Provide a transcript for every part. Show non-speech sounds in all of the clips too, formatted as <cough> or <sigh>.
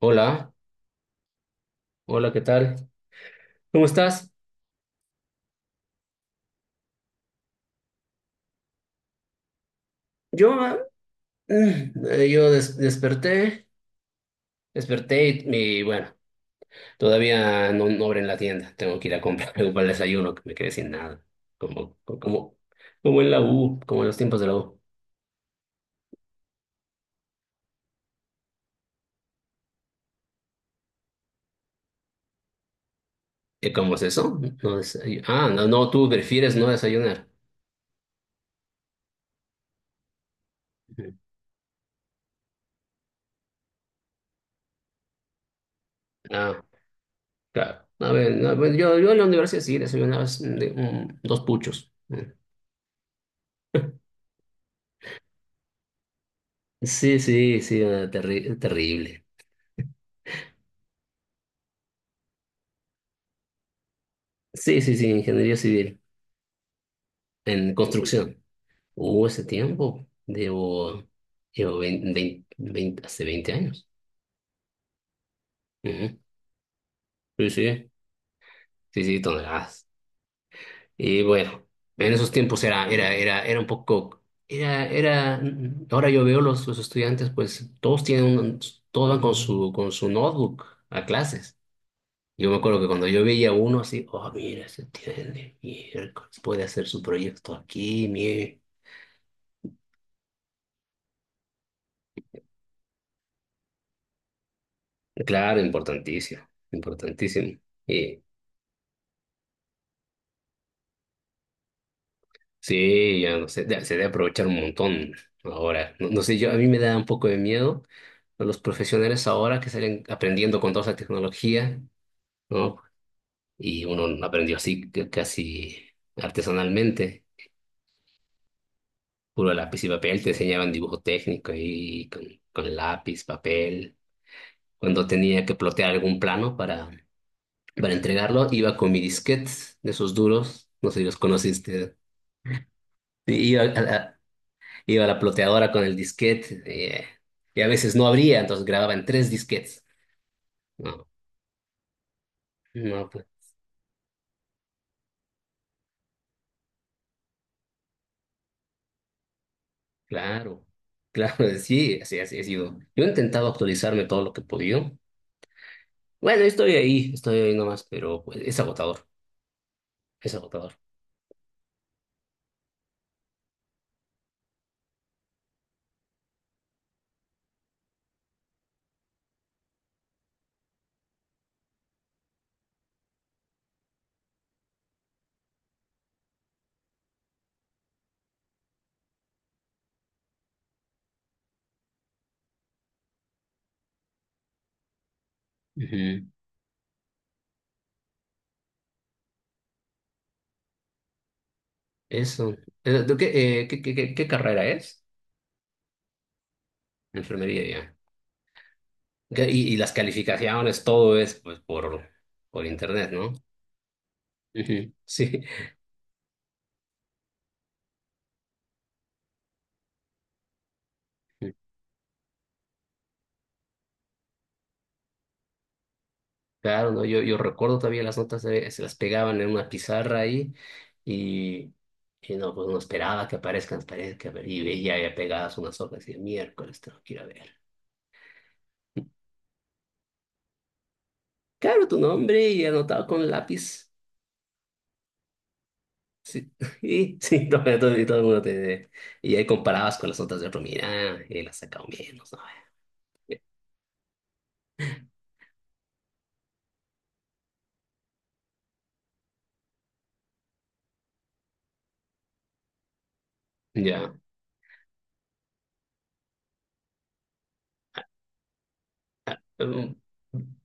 Hola, hola, ¿qué tal? ¿Cómo estás? Yo, desperté, desperté y bueno, todavía no abren la tienda. Tengo que ir a comprar <laughs> algo para el desayuno, que me quedé sin nada. Como, como, como en la U, como en los tiempos de la U. ¿Y cómo es eso? No, no, tú prefieres no desayunar. Ujú. Ah, claro. A ver, no, bueno, yo, en la universidad sí desayunaba dos puchos. Mm. Sí, sí, sí, terrible. Sí, sí, sí, ingeniería civil en construcción. Hubo ese tiempo, llevo 20, 20 20 hace 20 años. Ujú. Sí, sí, sí, sí, toneladas. Y bueno, en esos tiempos era un poco, era, era, ahora yo veo los estudiantes, pues todos van con su notebook a clases. Yo me acuerdo que cuando yo veía a uno así, oh, mira, se tiene, miércoles, puede hacer su proyecto aquí, mire. Claro, importantísimo, importantísimo. Sí, ya no sé, se debe aprovechar un montón ahora. No, no sé, yo a mí me da un poco de miedo a los profesionales ahora que salen aprendiendo con toda esa tecnología, ¿no? Y uno aprendió así casi artesanalmente, puro lápiz y papel, te enseñaban dibujo técnico ahí con, lápiz, papel. Cuando tenía que plotear algún plano para entregarlo, iba con mi disquete de esos duros, no sé si los conociste. Y Iba a, a- Iba la ploteadora con el disquete, y a veces no abría, entonces grababa en tres disquetes. No, no, pues, claro, claro, <laughs> sí, así he sido. Yo he intentado actualizarme todo lo que he podido. Bueno, estoy ahí nomás, pero pues, es agotador, es agotador. Ujú. Eso. ¿De ¿Qué, qué, qué, qué- ¿Qué carrera es? Enfermería ya. Y las calificaciones, todo es pues por internet, ¿no? Ujú. <laughs> Sí. Claro, ¿no? Yo recuerdo todavía las notas, se las pegaban en una pizarra ahí y, y no, pues no esperaba que aparezcan, las paredes, y veía ya pegadas unas hojas y de miércoles tengo que ir a ver. Claro, tu nombre y anotado con lápiz. Sí, <laughs> y, sí, y todo el mundo te... Y ahí comparabas con las notas de otro, mira, él ha sacado menos, ¿no? Eh, Ya. em,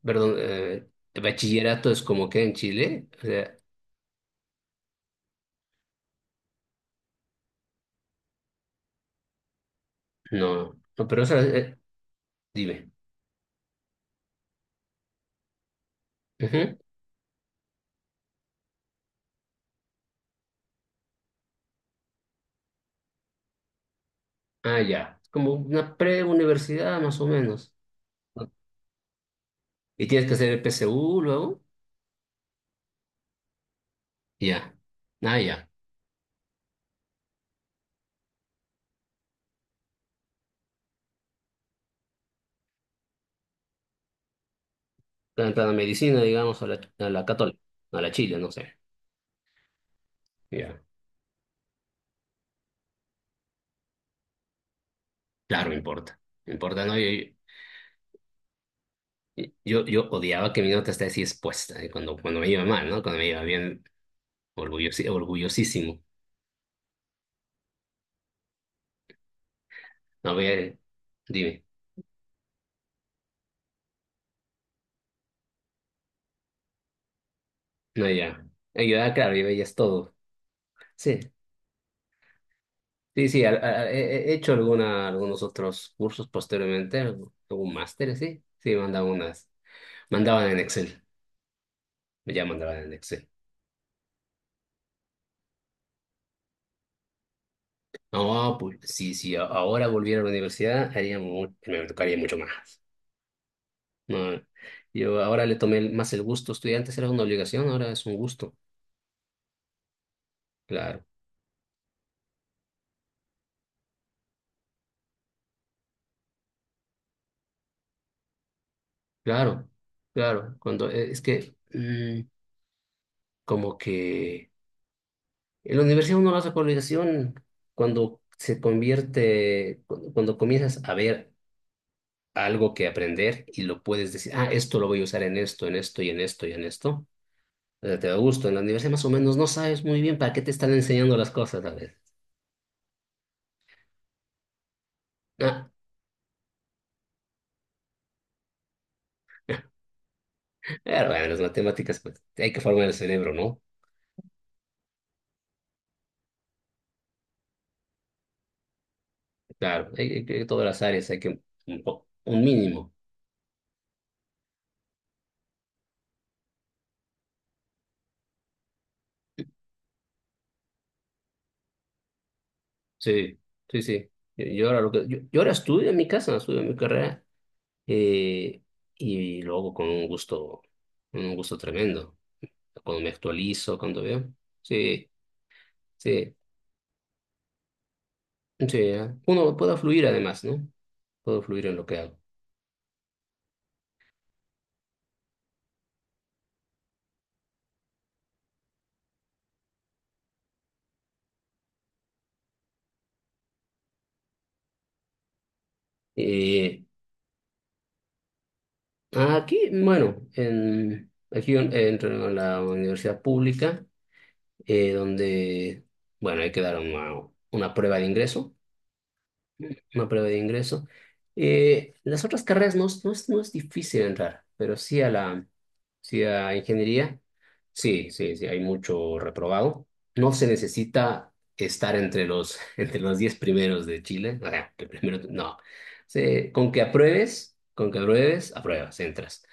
Perdón, ¿bachillerato es como que en Chile? O sea, no, no, pero eso, dime. Ah, ya. Como una pre-universidad más o menos. Y tienes que hacer el PSU luego. Ya. Ah, ya. Tanta la medicina, digamos, a la, católica, a la Chile, no sé. Ya. Claro, me importa. Me importa, ¿no? Yo odiaba que mi nota esté así expuesta, ¿eh? Cuando me iba mal, ¿no? Cuando me iba bien, orgullosísimo. A ver, dime. No, ya. Yo, claro, yo ya es todo. Sí. Sí, sí, he hecho algunos otros cursos posteriormente, algún máster, sí. Sí, mandaba unas. Mandaban en Excel, ya mandaban en Excel. No, pues sí, sí, ahora volviera a la universidad, me tocaría mucho más. No, yo ahora le tomé más el gusto. Estudiar antes era una obligación, ahora es un gusto. Claro, claro, claro. Es que, como que en la universidad uno lo hace por obligación cuando se convierte, cuando comienzas a ver algo que aprender y lo puedes decir, ah, esto lo voy a usar en esto y en esto y en esto. O sea, te da gusto. En la universidad más o menos no sabes muy bien para qué te están enseñando las cosas a veces. Ah, pero bueno, las matemáticas, pues hay que formar el cerebro, ¿no? Claro, todas las áreas hay que un mínimo. Sí, sí, sí. Yo ahora lo que, yo ahora estudio en mi casa, estudio mi carrera, eh, y lo hago con un gusto tremendo. Cuando me actualizo, cuando veo. Sí. Sí, Sí, uno puede fluir además, ¿no? Puedo fluir en lo que hago. Y aquí, bueno, aquí yo entro en la universidad pública, donde, bueno, hay que dar una prueba de ingreso. Una prueba de ingreso. Las otras carreras no, no es difícil entrar, pero sí a ingeniería, sí, sí, sí, hay mucho reprobado. No se necesita estar <laughs> entre los 10 primeros de Chile, o sea, el primero, no. Con que apruebes, apruebas, entras.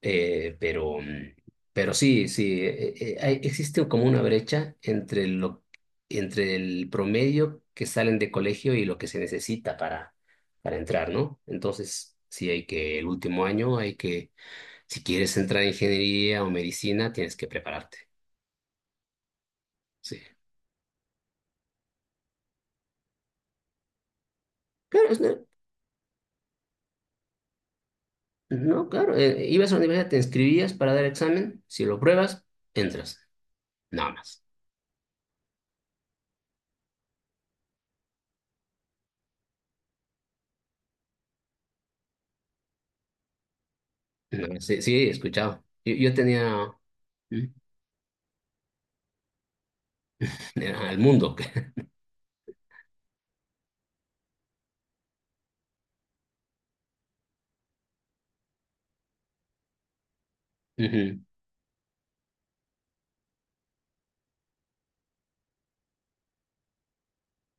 Pero, pero sí, sí, existe como una brecha entre el promedio que salen de colegio y lo que se necesita para entrar, ¿no? Entonces, el último año si quieres entrar en ingeniería o medicina, tienes que prepararte. Sí. Claro, es no, no, claro, ibas a la universidad, te inscribías para dar examen, si lo pruebas, entras, nada más. No, sí, sí, he escuchado. Yo tenía, mm, <laughs> al mundo. <laughs> Ujú.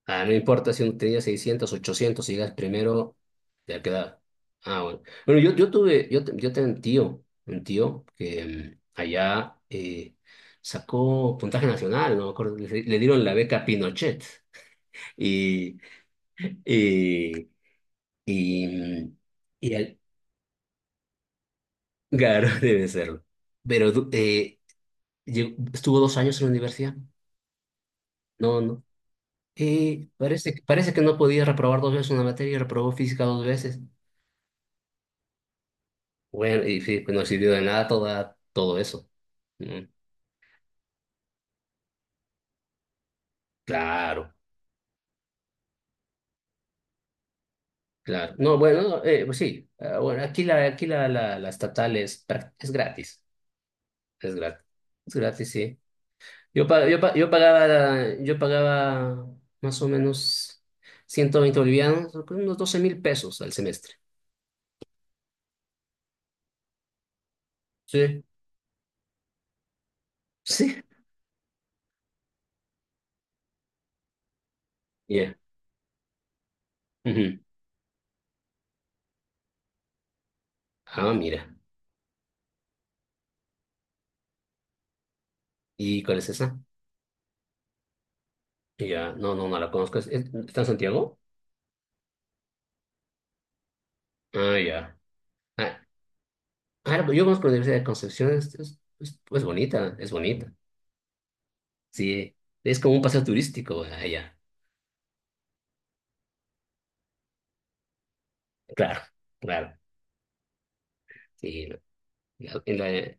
Ah, no importa si uno tenía 600, 800, si llegas primero, ya queda. Ah, bueno. Bueno, yo tuve, yo, te- yo tenía un tío, que allá, sacó puntaje nacional, no me acuerdo, le dieron la beca Pinochet. <laughs> Y, y, y, mm, y al- claro, <laughs> debe serlo. Pero du- eh, estuvo 2 años en la universidad. No, no. Parece que no podía reprobar dos veces una materia y reprobó física dos veces. Bueno, y sí, pues no sirvió de nada, todo eso. Mm, claro, claro. No, bueno, no, pues sí. Ah, bueno, aquí la estatal es gratis. Es gratis. Es gratis, sí. Yo pagaba más o menos 120 bolivianos, unos 12.000 pesos al semestre. Sí. Sí. Ya. Ujú. Ah, mira. ¿Y cuál es esa? Ya, no, no, no la conozco. ¿Está en Santiago? Ah, ya. Ah, claro, pues yo conozco la Universidad de Concepción, es bonita, es bonita. Sí, es como un paseo turístico allá. Claro, claro. Sí, la- en la-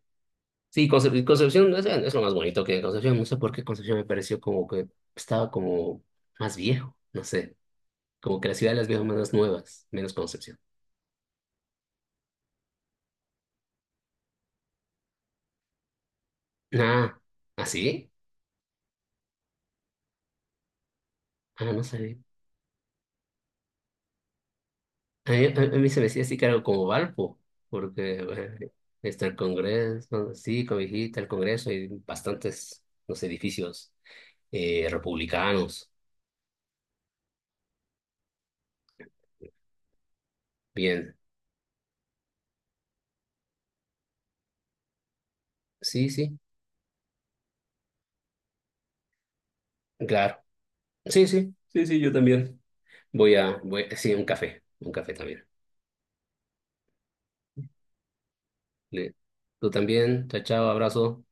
sí Concep- Concepción es, lo más bonito que Concepción. No sé por qué Concepción me pareció como que estaba como más viejo, no sé. Como que la ciudad de las viejas más nuevas, menos Concepción. Ah, ¿así? Ah, no sé. A mí se me hacía así que era como Valpo, porque bueno, está el Congreso, sí, Cobijita, el Congreso y bastantes los edificios, republicanos. Bien, sí, sí, claro. Sí, sí, sí, sí, yo también. Voy, sí, un café también. Le- Tú también, chao, chao, abrazo.